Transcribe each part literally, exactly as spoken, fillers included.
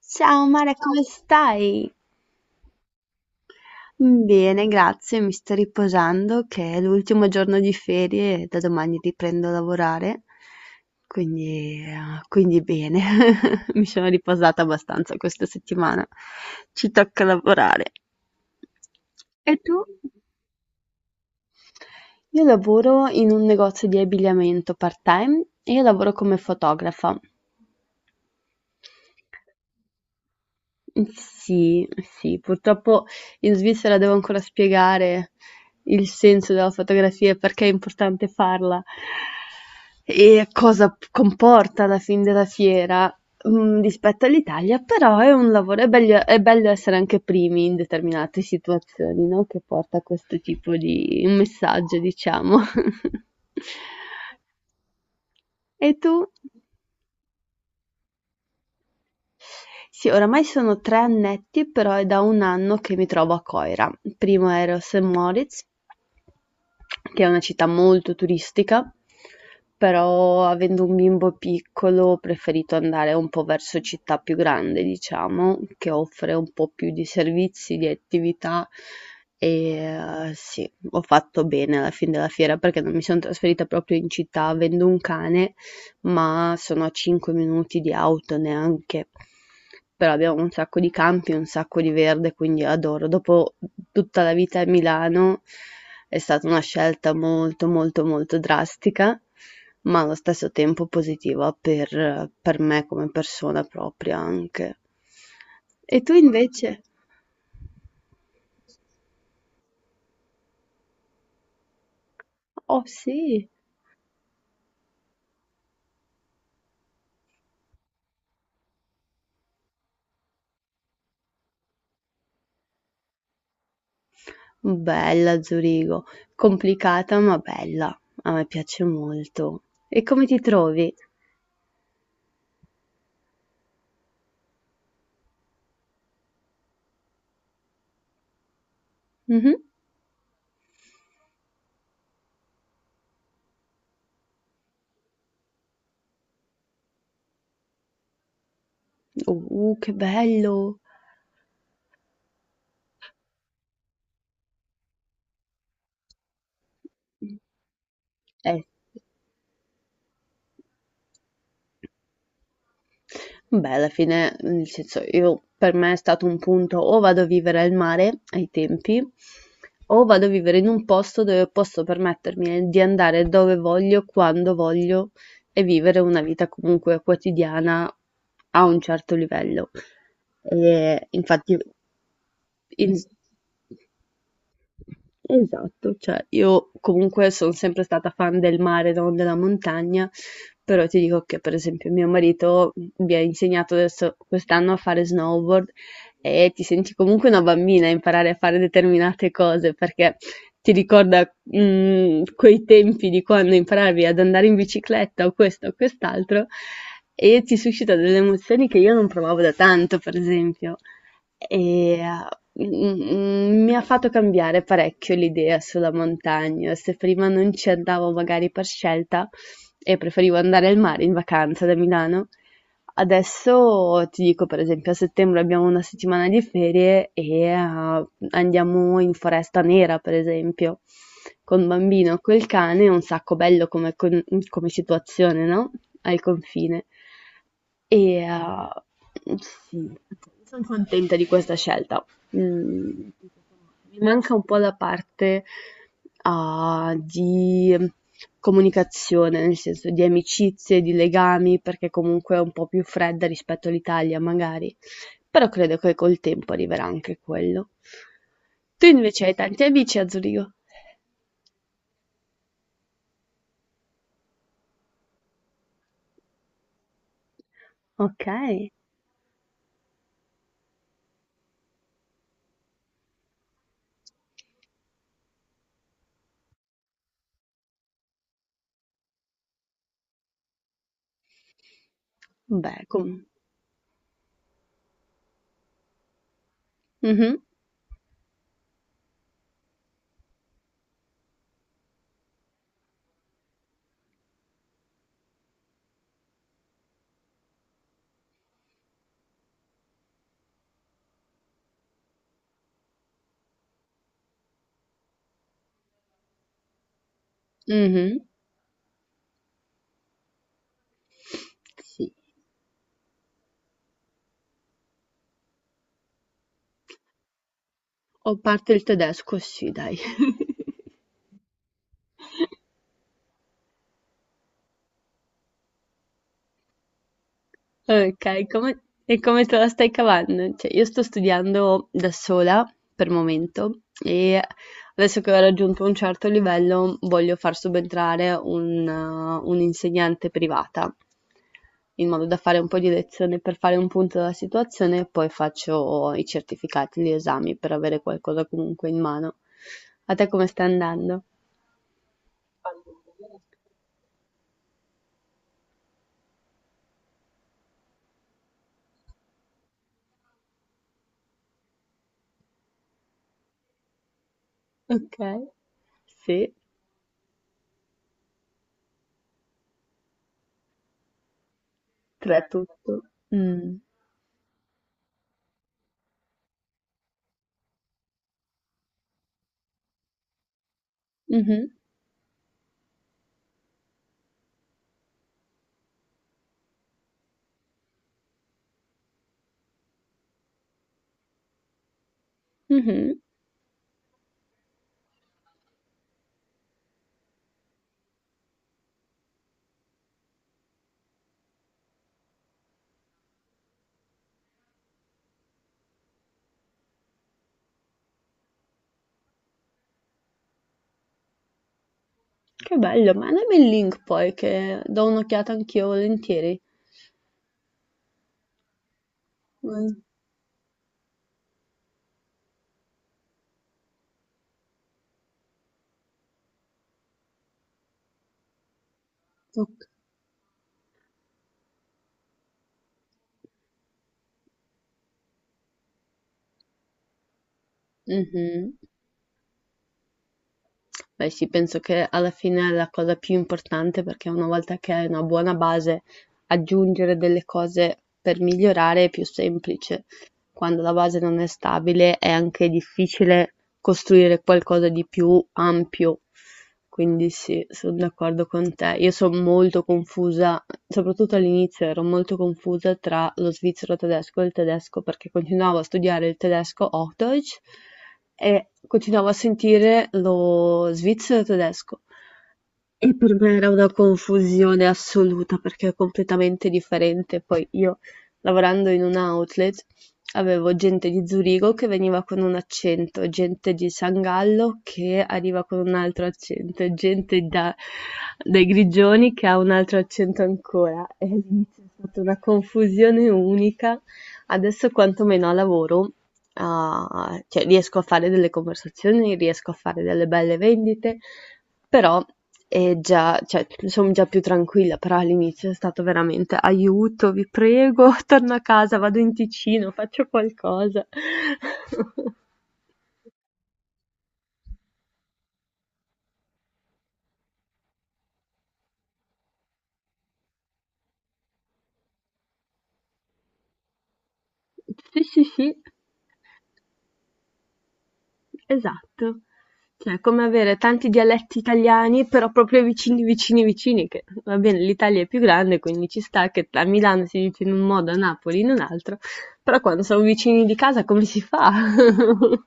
Ciao Mara, come stai? Bene, grazie, mi sto riposando che è l'ultimo giorno di ferie e da domani riprendo a lavorare, quindi, eh, quindi bene, mi sono riposata abbastanza questa settimana, ci tocca lavorare. E tu? Io lavoro in un negozio di abbigliamento part-time e io lavoro come fotografa. Sì, sì, purtroppo in Svizzera devo ancora spiegare il senso della fotografia e perché è importante farla e cosa p- comporta alla fin della fiera, mm, rispetto all'Italia, però è un lavoro, è bello, è bello essere anche primi in determinate situazioni, no? Che porta a questo tipo di messaggio, diciamo. E tu? Sì, oramai sono tre annetti, però è da un anno che mi trovo a Coira. Prima ero a sankt Moritz, che è una città molto turistica, però avendo un bimbo piccolo ho preferito andare un po' verso città più grande, diciamo, che offre un po' più di servizi, di attività e eh, sì, ho fatto bene alla fine della fiera perché non mi sono trasferita proprio in città avendo un cane ma sono a cinque minuti di auto neanche, però abbiamo un sacco di campi, un sacco di verde, quindi adoro. Dopo tutta la vita a Milano è stata una scelta molto molto molto drastica, ma allo stesso tempo positiva per, per me come persona propria anche. E tu invece? Oh sì, bella Zurigo, complicata ma bella, a me piace molto. E come ti trovi? Mhm. Oh, Uh, che bello! Eh, beh, alla fine, nel senso, io per me è stato un punto o vado a vivere al mare ai tempi, o vado a vivere in un posto dove posso permettermi di andare dove voglio, quando voglio e vivere una vita comunque quotidiana a un certo livello. E infatti, in- esatto, cioè io comunque son sempre stata fan del mare, non della montagna, però ti dico che per esempio mio marito mi ha insegnato adesso quest'anno a fare snowboard e ti senti comunque una bambina a imparare a fare determinate cose perché ti ricorda mm, quei tempi di quando imparavi ad andare in bicicletta o questo o quest'altro e ti suscita delle emozioni che io non provavo da tanto, per esempio. E eh, Mhmm, mi ha fatto cambiare parecchio l'idea sulla montagna. Se prima non ci andavo magari per scelta e preferivo andare al mare in vacanza da Milano, adesso ti dico per esempio a settembre abbiamo una settimana di ferie e, uhm, andiamo in Foresta Nera per esempio, con bambino, col cane, è un sacco bello come con come situazione, no, al confine. E eh, sì, sono contenta di questa scelta. Mm, mi manca un po' la parte ah, di comunicazione, nel senso di amicizie, di legami, perché comunque è un po' più fredda rispetto all'Italia, magari. Però credo che col tempo arriverà anche quello. Tu invece hai tanti amici a Zurigo? Ok, beh, com- mhm, mhm. Sì. Ho parte il tedesco, sì, dai. Ok, come- e come te la stai cavando? Cioè, io sto studiando da sola per momento e adesso che ho raggiunto un certo livello voglio far subentrare un, eh, un'insegnante privata in modo da fare un po' di lezione per fare un punto della situazione e poi faccio i certificati, gli esami per avere qualcosa comunque in mano. A te come sta andando? Ok, sì. Tre tutto. Mh. Mh-mh. Mh-mh. Che bello, mandami il link poi che do un'occhiata anch'io volentieri. Mh. Oc mh-mh. Beh sì, penso che alla fine è la cosa più importante, perché una volta che hai una buona base, aggiungere delle cose per migliorare è più semplice. Quando la base non è stabile è anche difficile costruire qualcosa di più ampio. Quindi sì, sono d'accordo con te. Io sono molto confusa, soprattutto all'inizio ero molto confusa tra lo svizzero tedesco e il tedesco perché continuavo a studiare il tedesco Hochdeutsch e continuavo a sentire lo svizzero tedesco e per me era una confusione assoluta perché è completamente differente. Poi io lavorando in un outlet avevo gente di Zurigo che veniva con un accento, gente di San Gallo che arriva con un altro accento, e gente da- dai Grigioni che ha un altro accento ancora. E lì c'è stata una confusione unica. Adesso quantomeno a lavoro a cioè riesco a fare delle conversazioni, riesco a fare delle belle vendite, però è già, cioè, sono già più tranquilla, però all'inizio è stato veramente aiuto, vi prego, torno a casa, vado in Ticino, faccio qualcosa. Sì, sì, sì. Esatto, cioè è come avere tanti dialetti italiani però proprio vicini vicini vicini che va bene l'Italia è più grande quindi ci sta che a Milano si dice in un modo, a Napoli in un altro, però quando sono vicini di casa come si fa?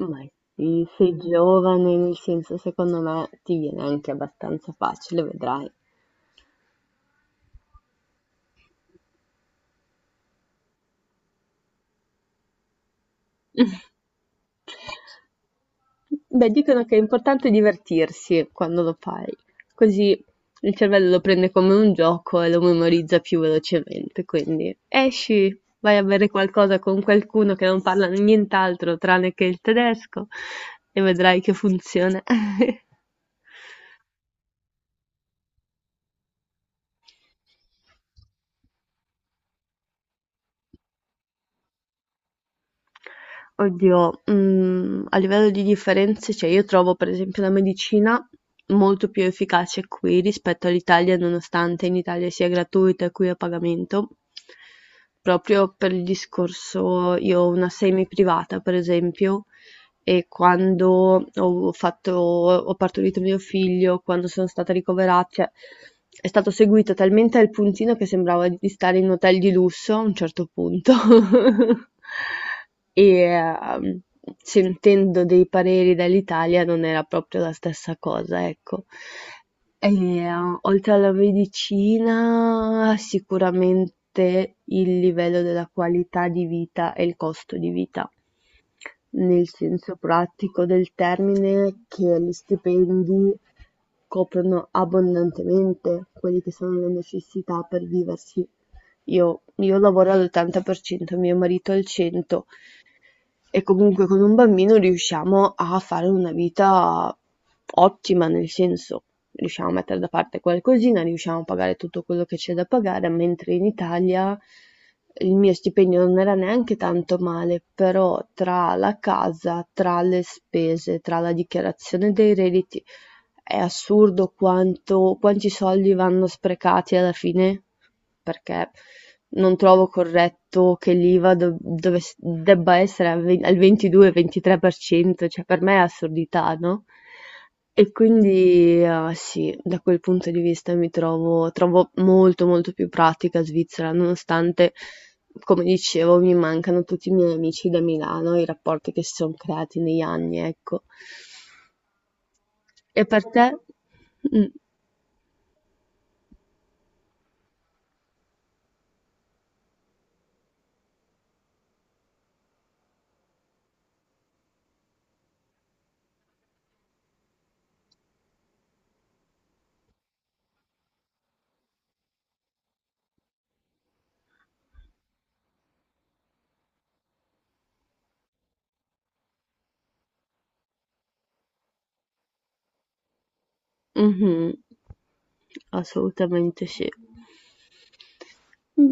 Ma sì, sei giovane, nel senso secondo me ti viene anche abbastanza facile, vedrai. Beh, dicono che è importante divertirsi quando lo fai, così il cervello lo prende come un gioco e lo memorizza più velocemente. Quindi esci, vai a bere qualcosa con qualcuno che non parla nient'altro tranne che il tedesco e vedrai che funziona. Oddio, mhmm, a livello di differenze, cioè io trovo per esempio la medicina molto più efficace qui rispetto all'Italia, nonostante in Italia sia gratuita e qui a pagamento, proprio per il discorso io ho una semi privata per esempio e quando ho fatto ho partorito mio figlio, quando sono stata ricovera cioè è stato seguito talmente al puntino che sembrava di stare in un hotel di lusso a un certo punto. E ehm, sentendo dei pareri dall'Italia non era proprio la stessa cosa, ecco. E, eh, oltre alla medicina, sicuramente il livello della qualità di vita e il costo di vita nel senso pratico del termine che gli stipendi coprono abbondantemente quelle che sono le necessità per viversi. Io, io lavoro all'ottanta per cento, mio marito al cento per cento, e comunque con un bambino riusciamo a fare una vita ottima, nel senso riusciamo a mettere da parte qualcosina, riusciamo a pagare tutto quello che c'è da pagare, mentre in Italia il mio stipendio non era neanche tanto male, però tra la casa, tra le spese, tra la dichiarazione dei redditi è assurdo quanto quanti soldi vanno sprecati alla fine, perché non trovo corretto che l'IVA do- dovess- debba essere al ve- al ventidue-ventitré per cento, cioè per me è assurdità, no? E quindi, eh, sì, da quel punto di vista mi trovo, trovo molto molto più pratica Svizzera, nonostante, come dicevo, mi mancano tutti i miei amici da Milano, i rapporti che si sono creati negli anni, ecco. E per te? Mm. Mh-mh. Assolutamente sì.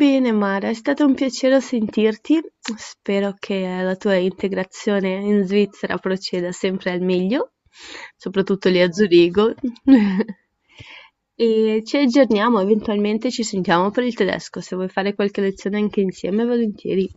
Bene Mara, è stato un piacere sentirti. Spero che la tua integrazione in Svizzera proceda sempre al meglio, soprattutto lì a Zurigo. E ci aggiorniamo, eventualmente ci sentiamo per il tedesco. Se vuoi fare qualche lezione anche insieme, volentieri.